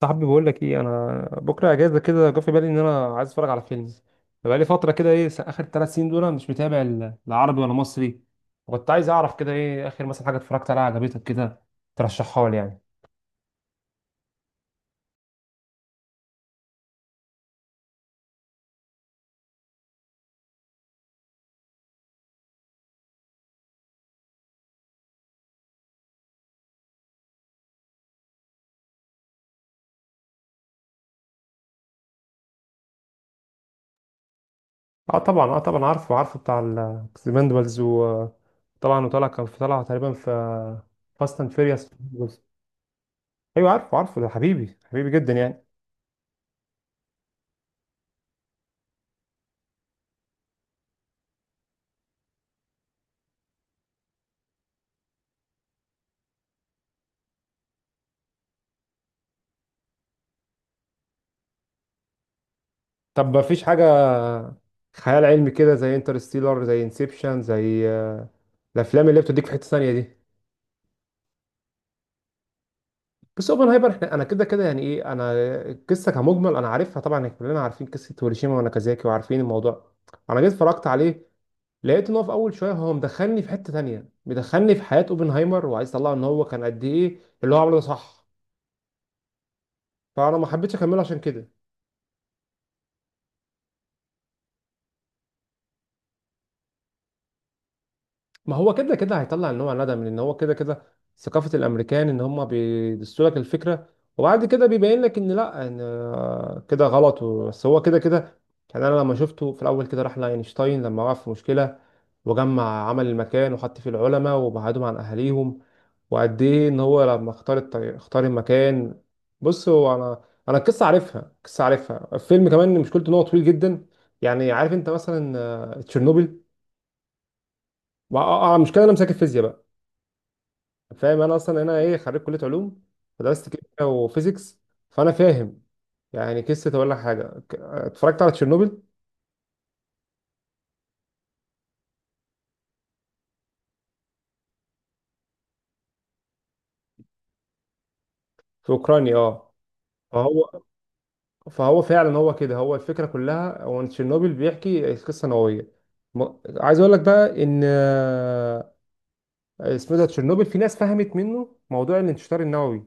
صاحبي بقول لك ايه، انا بكره اجازه كده جه في بالي ان انا عايز اتفرج على فيلم. بقى لي فتره كده، ايه اخر ثلاث سنين دول أنا مش متابع لا عربي ولا مصري. وكنت عايز اعرف كده ايه اخر مثلا حاجه اتفرجت عليها عجبتك كده ترشحها لي يعني. اه طبعا اه طبعا، عارفه بتاع الاكسبندبلز، وطبعا وطلع كان في طلعه تقريبا في فاست اند فيريوس. ايوه عارفه، ده حبيبي جدا يعني. طب ما فيش حاجه خيال علمي كده زي انترستيلر، زي انسبشن، زي الافلام اللي بتديك في حته ثانيه دي. بس اوبنهايمر احنا انا كده كده يعني ايه، انا القصه كمجمل انا عارفها، طبعا إحنا كلنا عارفين قصه هيروشيما وناكازاكي وعارفين الموضوع. انا جيت اتفرجت عليه لقيت ان هو في اول شويه هو مدخلني في حته تانية، مدخلني في حياه اوبنهايمر وعايز يطلع ان هو كان قد ايه اللي هو عمله ده، صح؟ فانا ما حبيتش اكمله عشان كده. ما هو كده كده هيطلع نوع ندم لان هو كده كده ثقافة الامريكان ان هم بيدسوا لك الفكرة وبعد كده بيبين لك ان لا ان كده غلط بس هو كده كده. يعني انا لما شفته في الاول، كده راح لاينشتاين لما وقع في مشكلة، وجمع عمل المكان وحط فيه العلماء وبعدهم عن اهاليهم، وقد ايه ان هو لما اختار المكان. بص هو انا، انا القصة عارفها، القصة عارفها. الفيلم كمان مشكلته ان هو طويل جدا. يعني عارف انت مثلا تشيرنوبل. مشكلة انا مساك الفيزياء بقى. فاهم انا اصلا انا ايه، خريج كليه علوم، فدرست كيمياء وفيزيكس. فانا فاهم يعني. قصه اقول لك حاجه، اتفرجت على تشيرنوبل في اوكرانيا اه. فهو فهو فعلا هو كده، هو الفكره كلها هو إن تشيرنوبل بيحكي قصه نوويه. م- عايز اقول لك بقى ان اسمه إيه ده، تشيرنوبل في ناس فهمت منه موضوع الانتشار النووي.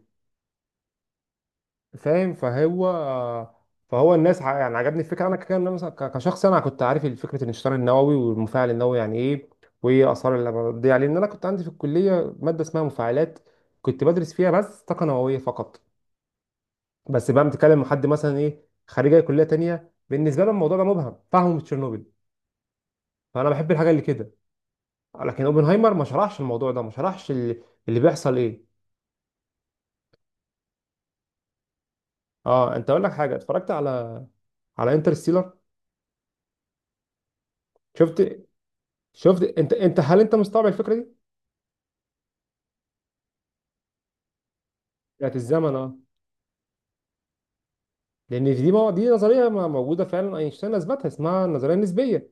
فاهم؟ فهو الناس يعني عجبني الفكره انا، كان مثلا كشخص انا كنت عارف فكره الانشطار النووي والمفاعل النووي يعني ايه، وايه اثار اللي بتضيع، لان انا كنت عندي في الكليه ماده اسمها مفاعلات، كنت بدرس فيها بس طاقه نوويه فقط. بس بقى بتكلم مع حد مثلا ايه، خريج أي كليه تانية بالنسبه له الموضوع ده مبهم، فاهمه من تشيرنوبل. فانا بحب الحاجه اللي كده. لكن اوبنهايمر ما شرحش الموضوع ده، ما شرحش اللي بيحصل ايه. اه انت، اقول لك حاجه، اتفرجت على على انترستيلر. شفت، شفت انت هل انت مستوعب الفكره دي؟ بتاعت الزمن اه. لان دي دي نظريه موجوده فعلا، اينشتاين اثبتها، اسمها النظريه النسبيه.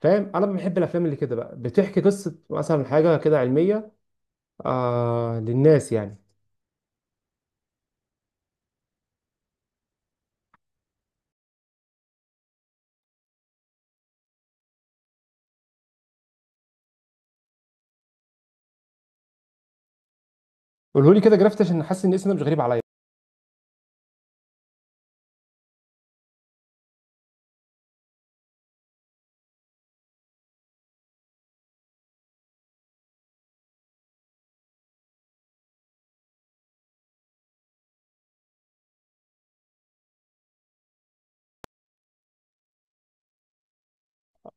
فاهم؟ انا بحب الافلام اللي كده بقى بتحكي قصه مثلا حاجه كده علميه للناس يعني. قوله لي كده جرافت، عشان حاسس ان الاسم ده مش غريب عليا.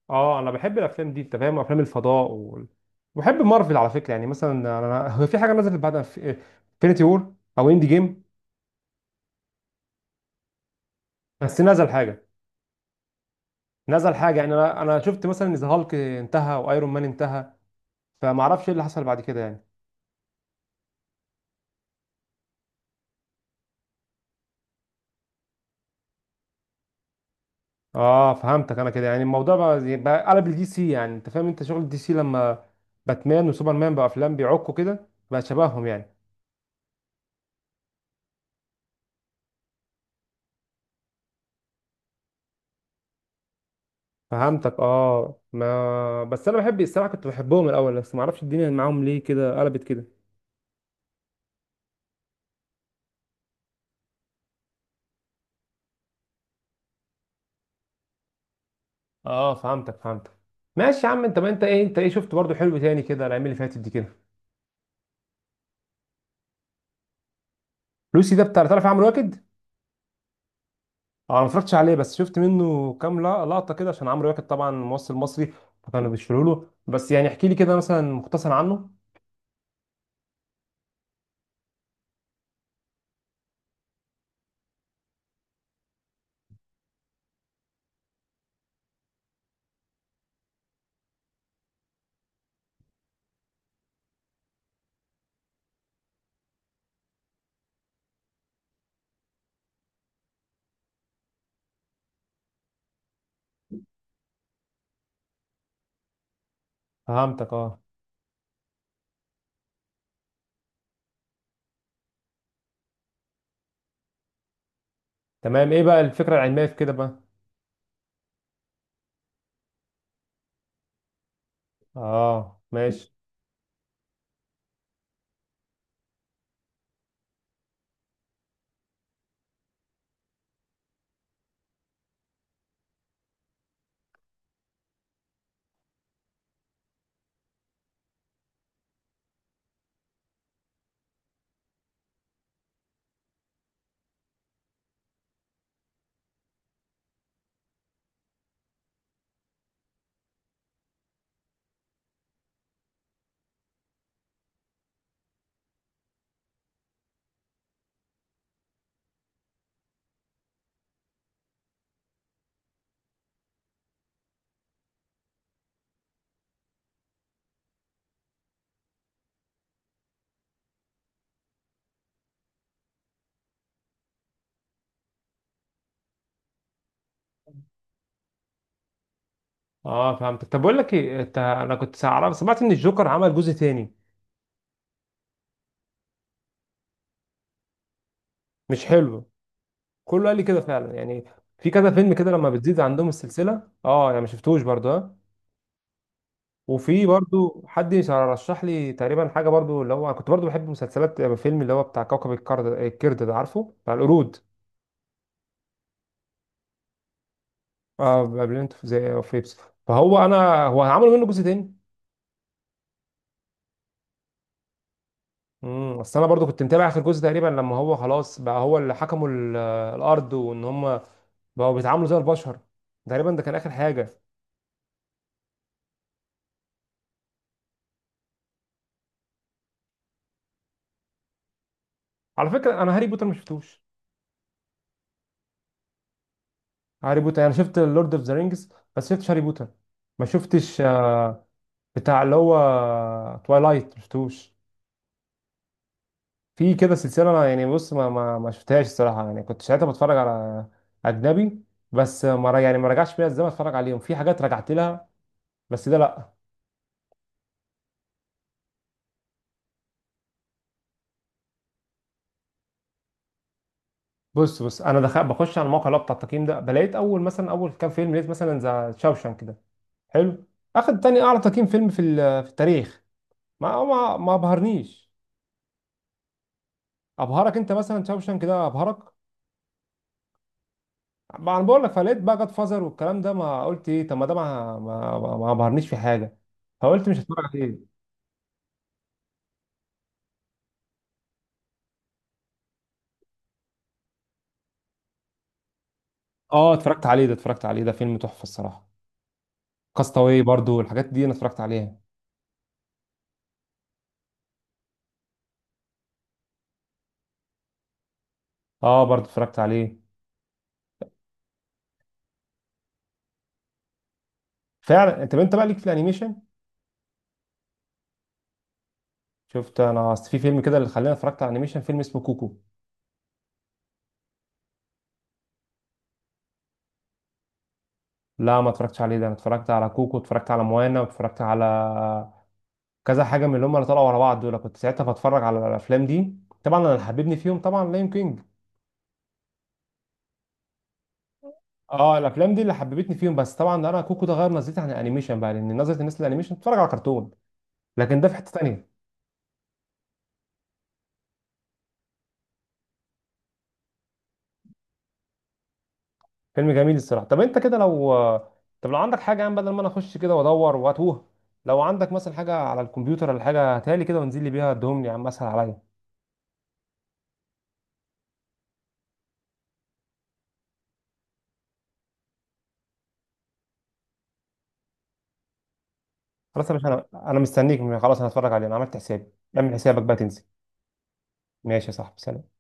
اه انا بحب الافلام دي انت فاهم، افلام الفضاء بحب مارفل على فكره. يعني مثلا انا، هو في حاجه نزلت بعد انفينيتي وور او اندي جيم؟ بس نزل حاجه يعني، انا شفت مثلا ان ذا هالك انتهى وايرون مان انتهى، فما اعرفش ايه اللي حصل بعد كده يعني. اه فهمتك. انا كده يعني الموضوع بقى بقى قلب الدي سي، يعني انت فاهم انت شغل الدي سي لما باتمان وسوبرمان بقى افلام بيعكوا كده بقى شبههم يعني. فهمتك اه، ما بس انا بحب الصراحه كنت بحبهم الاول، بس ما اعرفش الدنيا معاهم ليه كده قلبت كده. اه فهمتك. ماشي يا عم. انت ما انت ايه، انت ايه شفت برضو حلو تاني كده الايام اللي فاتت دي كده؟ لوسي ده بتاع، تعرف عمرو واكد؟ اه، انا ما اتفرجتش عليه، بس شفت منه كام لقطه كده عشان عمرو واكد طبعا ممثل مصري فكانوا بيشيلوا له. بس يعني احكي لي كده مثلا مختصر عنه. فهمتك اه. تمام، ايه بقى الفكرة العلمية في كده بقى؟ اه ماشي. اه فهمتك. طب بقول لك ايه، انت انا كنت عارف سمعت ان الجوكر عمل جزء تاني؟ مش حلو؟ كله قال لي كده فعلا يعني. في كذا فيلم كده لما بتزيد عندهم السلسلة، اه انا ما شفتوش برضه ها. وفي برضه حد رشح لي تقريبا حاجة برضه اللي هو، كنت برضه بحب مسلسلات فيلم اللي هو بتاع كوكب الكرد، الكرد ده عارفه، بتاع القرود. اه بابلينت، في زي في بيبسي. فهو انا، هو هيعملوا منه جزء تاني. اصل انا برضو كنت متابع اخر جزء تقريبا لما هو خلاص بقى هو اللي حكموا الارض وان هم بقوا بيتعاملوا زي البشر. تقريبا ده كان اخر حاجه. على فكره انا هاري بوتر ما شفتوش. هاري بوتر انا شفت لورد اوف ذا رينجز بس شفتش هاري بوتر. ما شفتش بتاع اللي هو توايلايت ما شفتوش. في كده سلسله انا يعني، بص ما شفتهاش الصراحه، يعني كنت ساعتها بتفرج على اجنبي، بس ما ر- يعني ما رجعش بيا الزمن اتفرج عليهم. في حاجات رجعت لها، بس ده لا. بص انا دخل بخش على الموقع اللي هو بتاع التقييم ده، بلاقيت اول مثلا اول كام فيلم، لقيت مثلا ذا شاوشان كده، حلو، اخد تاني اعلى تقييم فيلم في في التاريخ. ما ابهرنيش. ابهرك انت مثلا شاوشان كده، ابهرك؟ ما انا بقول لك، فلقيت بقى جاد فازر والكلام ده، ما قلت ايه، طب ما ده ما ابهرنيش في حاجه، فقلت مش هتفرج عليه. اه اتفرجت عليه ده، اتفرجت عليه ده، فيلم تحفه الصراحه. كاستاوي برضو، الحاجات دي انا اتفرجت عليها. اه برضو اتفرجت عليه. فعلا، انت انت بقى ليك في الانيميشن. شفت انا، اصل في فيلم كده اللي خلاني اتفرجت على انيميشن، فيلم اسمه كوكو. لا ما اتفرجتش عليه ده، انا اتفرجت على كوكو، اتفرجت على موانا، واتفرجت على كذا حاجه من اللي هم اللي طلعوا ورا بعض دول، كنت ساعتها بتفرج على الافلام دي. طبعا انا اللي حببني فيهم طبعا لاين كينج. اه الافلام دي اللي حببتني فيهم. بس طبعا انا كوكو ده غير نظرتي عن الانيميشن بقى، لان نظره الناس للانيميشن بتتفرج على كرتون، لكن ده في حته تانيه. فيلم جميل الصراحه. طب انت كده لو، طب لو عندك حاجه يعني بدل ما انا اخش كده وادور واتوه، لو عندك مثلا حاجه على الكمبيوتر ولا حاجه هاتها لي كده، وانزل لي بيها ادهم لي يا عم، اسهل عليا. خلاص يا باشا، انا مستنيك، خلاص انا هتفرج عليه، انا عملت حسابي. اعمل حسابك بقى تنزل. ماشي يا صاحبي، سلام.